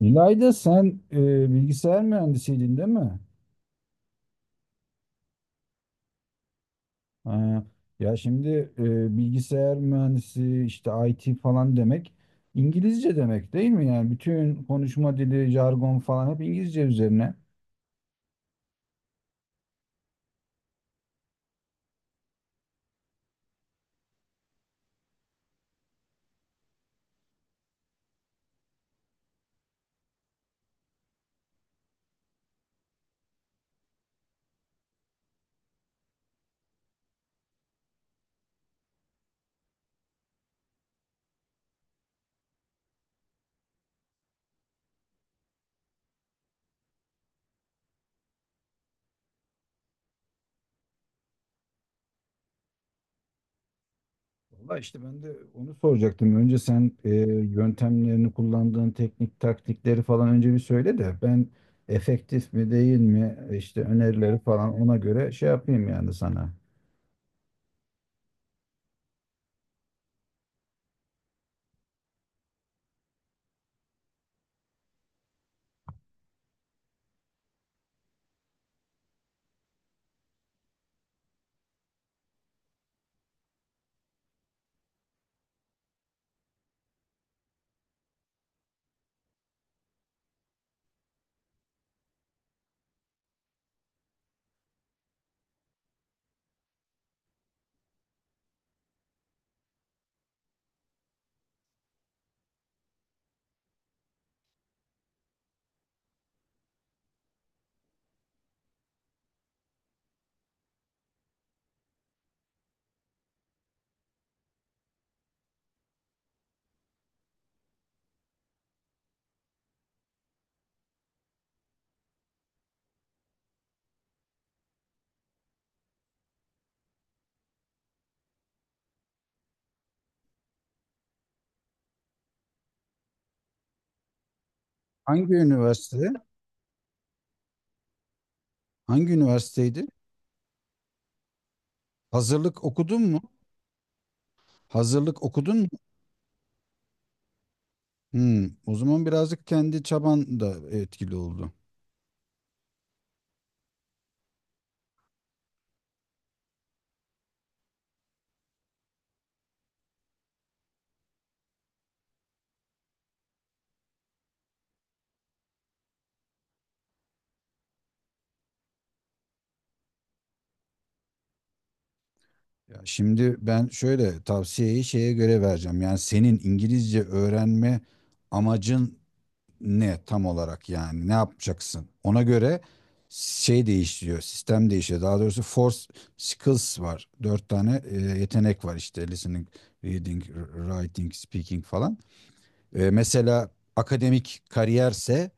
İlayda sen bilgisayar mühendisiydin değil mi? Ha, ya şimdi bilgisayar mühendisi işte IT falan demek İngilizce demek değil mi? Yani bütün konuşma dili, jargon falan hep İngilizce üzerine. Valla işte ben de onu soracaktım. Önce sen yöntemlerini kullandığın teknik taktikleri falan önce bir söyle de ben efektif mi değil mi işte önerileri falan ona göre şey yapayım yani sana. Hangi üniversite? Hangi üniversiteydi? Hazırlık okudun mu? Hazırlık okudun mu? Hmm, o zaman birazcık kendi çaban da etkili oldu. Ya şimdi ben şöyle tavsiyeyi şeye göre vereceğim. Yani senin İngilizce öğrenme amacın ne tam olarak, yani ne yapacaksın? Ona göre şey değişiyor, sistem değişiyor. Daha doğrusu four skills var. Dört tane yetenek var işte listening, reading, writing, speaking falan. Mesela akademik kariyerse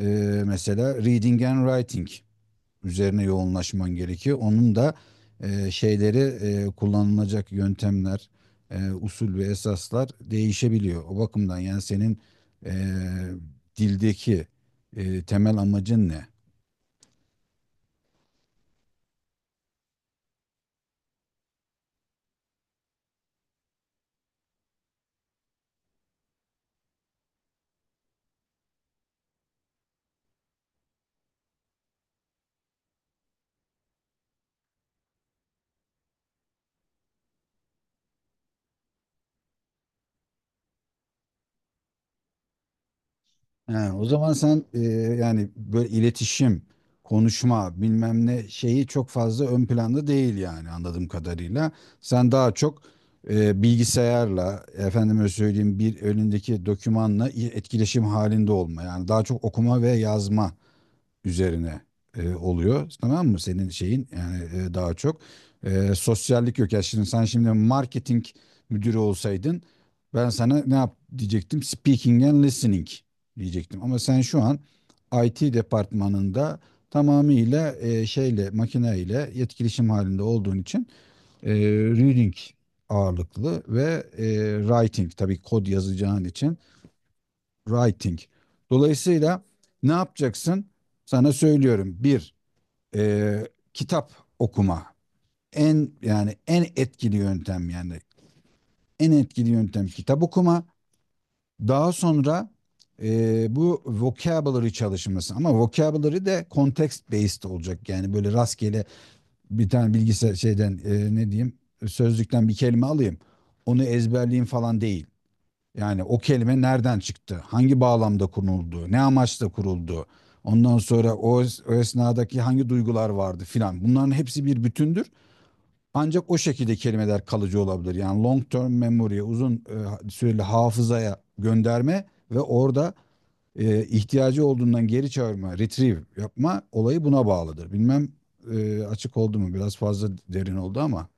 Mesela reading and writing üzerine yoğunlaşman gerekiyor. Onun da şeyleri kullanılacak yöntemler, usul ve esaslar değişebiliyor. O bakımdan yani senin e, dildeki temel amacın ne? He, o zaman sen yani böyle iletişim, konuşma, bilmem ne şeyi çok fazla ön planda değil yani anladığım kadarıyla. Sen daha çok bilgisayarla, efendime söyleyeyim bir önündeki dokümanla etkileşim halinde olma. Yani daha çok okuma ve yazma üzerine oluyor. Tamam mı? Senin şeyin yani daha çok sosyallik yok. Ya şimdi sen şimdi marketing müdürü olsaydın ben sana ne yap diyecektim? Speaking and listening diyecektim. Ama sen şu an IT departmanında tamamıyla şeyle makineyle etkileşim halinde olduğun için reading ağırlıklı ve writing, tabii kod yazacağın için writing. Dolayısıyla ne yapacaksın? Sana söylüyorum. Bir, e, kitap okuma. En yani en etkili yöntem, yani en etkili yöntem: kitap okuma. Daha sonra bu vocabulary çalışması, ama vocabulary de context based olacak. Yani böyle rastgele bir tane bilgisayar şeyden, ne diyeyim, sözlükten bir kelime alayım. Onu ezberleyeyim falan değil. Yani o kelime nereden çıktı? Hangi bağlamda kuruldu? Ne amaçla kuruldu? Ondan sonra o esnadaki hangi duygular vardı filan. Bunların hepsi bir bütündür. Ancak o şekilde kelimeler kalıcı olabilir. Yani long term memory, uzun süreli hafızaya gönderme ve orada ihtiyacı olduğundan geri çağırma, retrieve yapma olayı buna bağlıdır. Bilmem açık oldu mu? Biraz fazla derin oldu ama.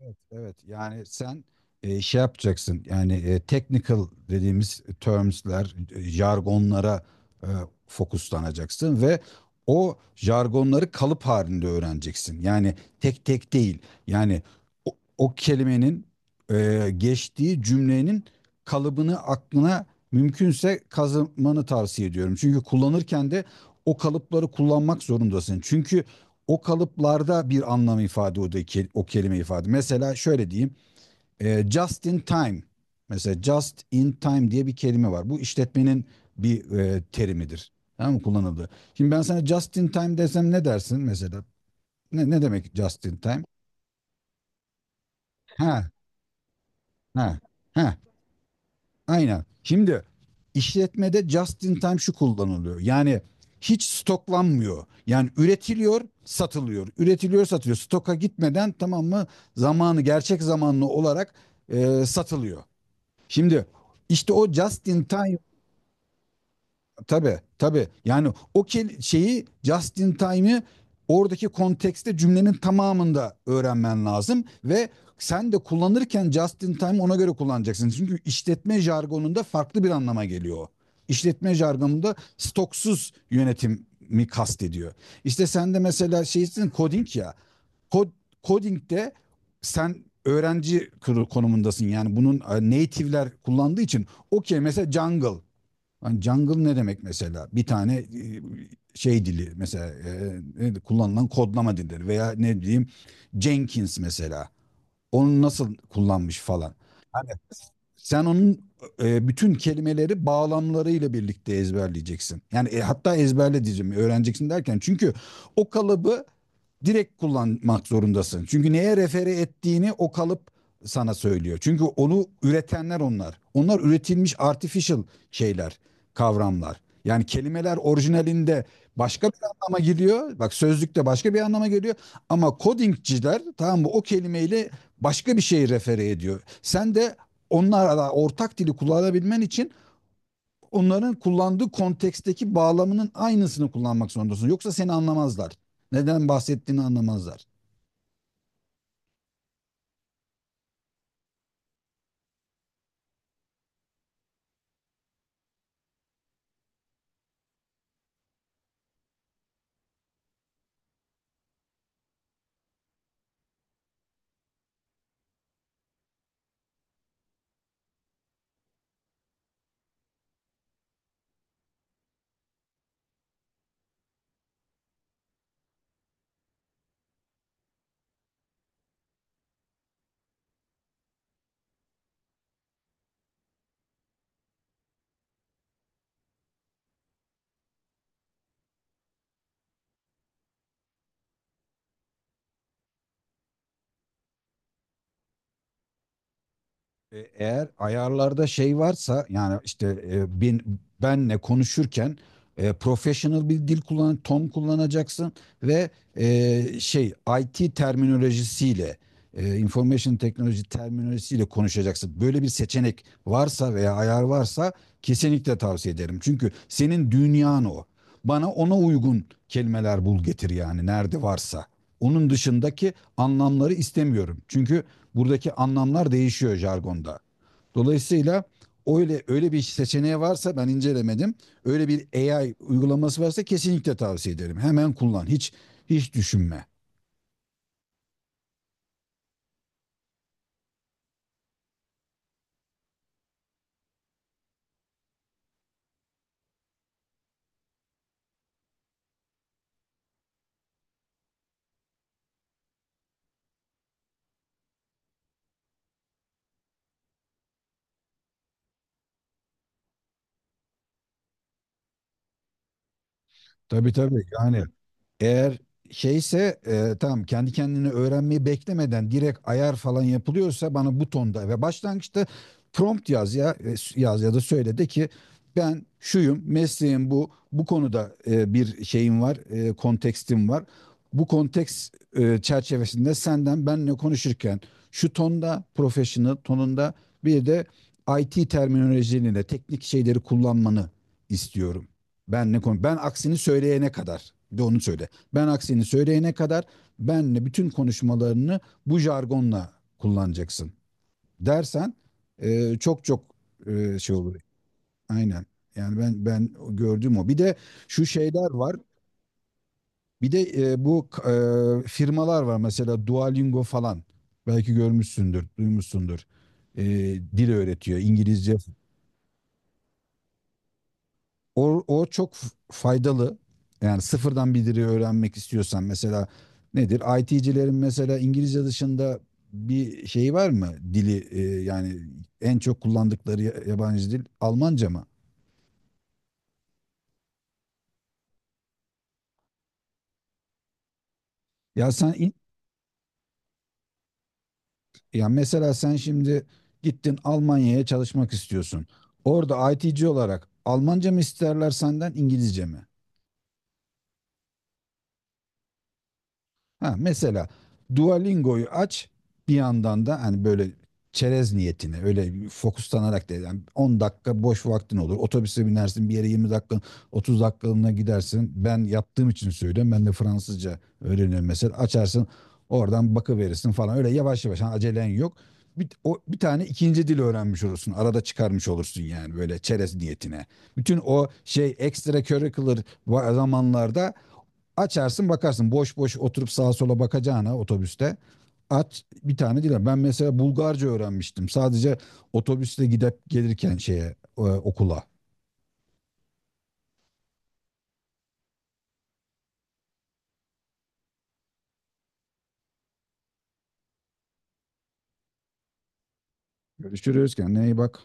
Evet, evet. Yani sen şey yapacaksın. Yani technical dediğimiz terms'ler, jargonlara e, fokuslanacaksın ve o jargonları kalıp halinde öğreneceksin. Yani tek tek değil. Yani o, o kelimenin geçtiği cümlenin kalıbını aklına mümkünse kazımanı tavsiye ediyorum. Çünkü kullanırken de o kalıpları kullanmak zorundasın. Çünkü o kalıplarda bir anlam ifade o kelime ifade. Mesela şöyle diyeyim. Just in time. Mesela just in time diye bir kelime var. Bu işletmenin bir terimidir. Tamam mı? Kullanıldı. Şimdi ben sana just in time desem ne dersin mesela? Ne demek just in time? Ha, ha, ha. Aynen. Şimdi işletmede just in time şu kullanılıyor. Yani hiç stoklanmıyor. Yani üretiliyor, satılıyor. Üretiliyor, satılıyor. Stoka gitmeden, tamam mı, zamanı gerçek zamanlı olarak satılıyor. Şimdi işte o just in time. Tabii, tabii. Yani şeyi just in time'ı oradaki kontekste cümlenin tamamında öğrenmen lazım ve sen de kullanırken just in time ona göre kullanacaksın. Çünkü işletme jargonunda farklı bir anlama geliyor. O. İşletme jargonunda stoksuz yönetim mi kastediyor? İşte sen de mesela şeysin, coding ya. Kod, coding'de sen konumundasın. Yani bunun native'ler kullandığı için okey, mesela jungle. Hani jungle ne demek mesela? Bir tane şey dili, mesela kullanılan kodlama dilleri veya ne diyeyim, Jenkins mesela, onu nasıl kullanmış falan. Hani sen onun bütün kelimeleri bağlamlarıyla birlikte ezberleyeceksin. Yani hatta ezberle diyeceğim, öğreneceksin derken, çünkü o kalıbı direkt kullanmak zorundasın. Çünkü neye refere ettiğini o kalıp sana söylüyor. Çünkü onu üretenler onlar. Onlar üretilmiş artificial şeyler, kavramlar. Yani kelimeler orijinalinde başka bir anlama geliyor. Bak, sözlükte başka bir anlama geliyor. Ama codingciler, tamam mı, o kelimeyle başka bir şey refere ediyor. Sen de onlarla ortak dili kullanabilmen için onların kullandığı konteksteki bağlamının aynısını kullanmak zorundasın. Yoksa seni anlamazlar. Neden bahsettiğini anlamazlar. Eğer ayarlarda şey varsa, yani işte benle konuşurken professional bir dil kullan, ton kullanacaksın ve e, şey IT terminolojisiyle, information teknoloji terminolojisiyle konuşacaksın. Böyle bir seçenek varsa veya ayar varsa kesinlikle tavsiye ederim. Çünkü senin dünyan o. Bana ona uygun kelimeler bul getir, yani nerede varsa. Onun dışındaki anlamları istemiyorum. Çünkü buradaki anlamlar değişiyor jargonda. Dolayısıyla öyle bir seçeneği varsa, ben incelemedim. Öyle bir AI uygulaması varsa kesinlikle tavsiye ederim. Hemen kullan. Hiç düşünme. Tabii, tabii, yani eğer şeyse, tamam, kendi kendini öğrenmeyi beklemeden direkt ayar falan yapılıyorsa, bana bu tonda ve başlangıçta prompt yaz ya yaz ya da söyle de ki ben şuyum, mesleğim bu, bu konuda bir şeyim var, kontekstim var. Bu konteks çerçevesinde senden benle konuşurken şu tonda, professional tonunda, bir de IT terminolojileriyle teknik şeyleri kullanmanı istiyorum. Ben ne konu Ben aksini söyleyene kadar bir de onu söyle. Ben aksini söyleyene kadar benle bütün konuşmalarını bu jargonla kullanacaksın dersen çok çok şey olur. Aynen. Yani ben gördüğüm o. Bir de şu şeyler var. Bir de firmalar var mesela Duolingo falan. Belki görmüşsündür, duymuşsundur. E, dil öğretiyor. İngilizce. O çok faydalı. Yani sıfırdan bir dili öğrenmek istiyorsan, mesela nedir? IT'cilerin mesela İngilizce dışında bir şey var mı? Dili yani en çok kullandıkları yabancı dil Almanca mı? Ya sen in- ya mesela sen şimdi gittin Almanya'ya çalışmak istiyorsun. Orada IT'ci olarak Almanca mı isterler senden İngilizce mi? Ha, mesela Duolingo'yu aç, bir yandan da hani böyle çerez niyetine, öyle fokuslanarak da, yani 10 dakika boş vaktin olur. Otobüse binersin, bir yere 20 dakika, 30 dakikalığına gidersin. Ben yaptığım için söylüyorum. Ben de Fransızca öğreniyorum mesela. Açarsın oradan bakıverirsin falan, öyle yavaş yavaş, hani acelen yok. Bir, bir tane ikinci dil öğrenmiş olursun. Arada çıkarmış olursun, yani böyle çerez niyetine. Bütün o şey ekstra curricular zamanlarda açarsın bakarsın. Boş boş oturup sağa sola bakacağına otobüste. Aç bir tane dil. Ben mesela Bulgarca öğrenmiştim. Sadece otobüsle gidip gelirken şeye, okula. Görüşürüz, kendine iyi bak.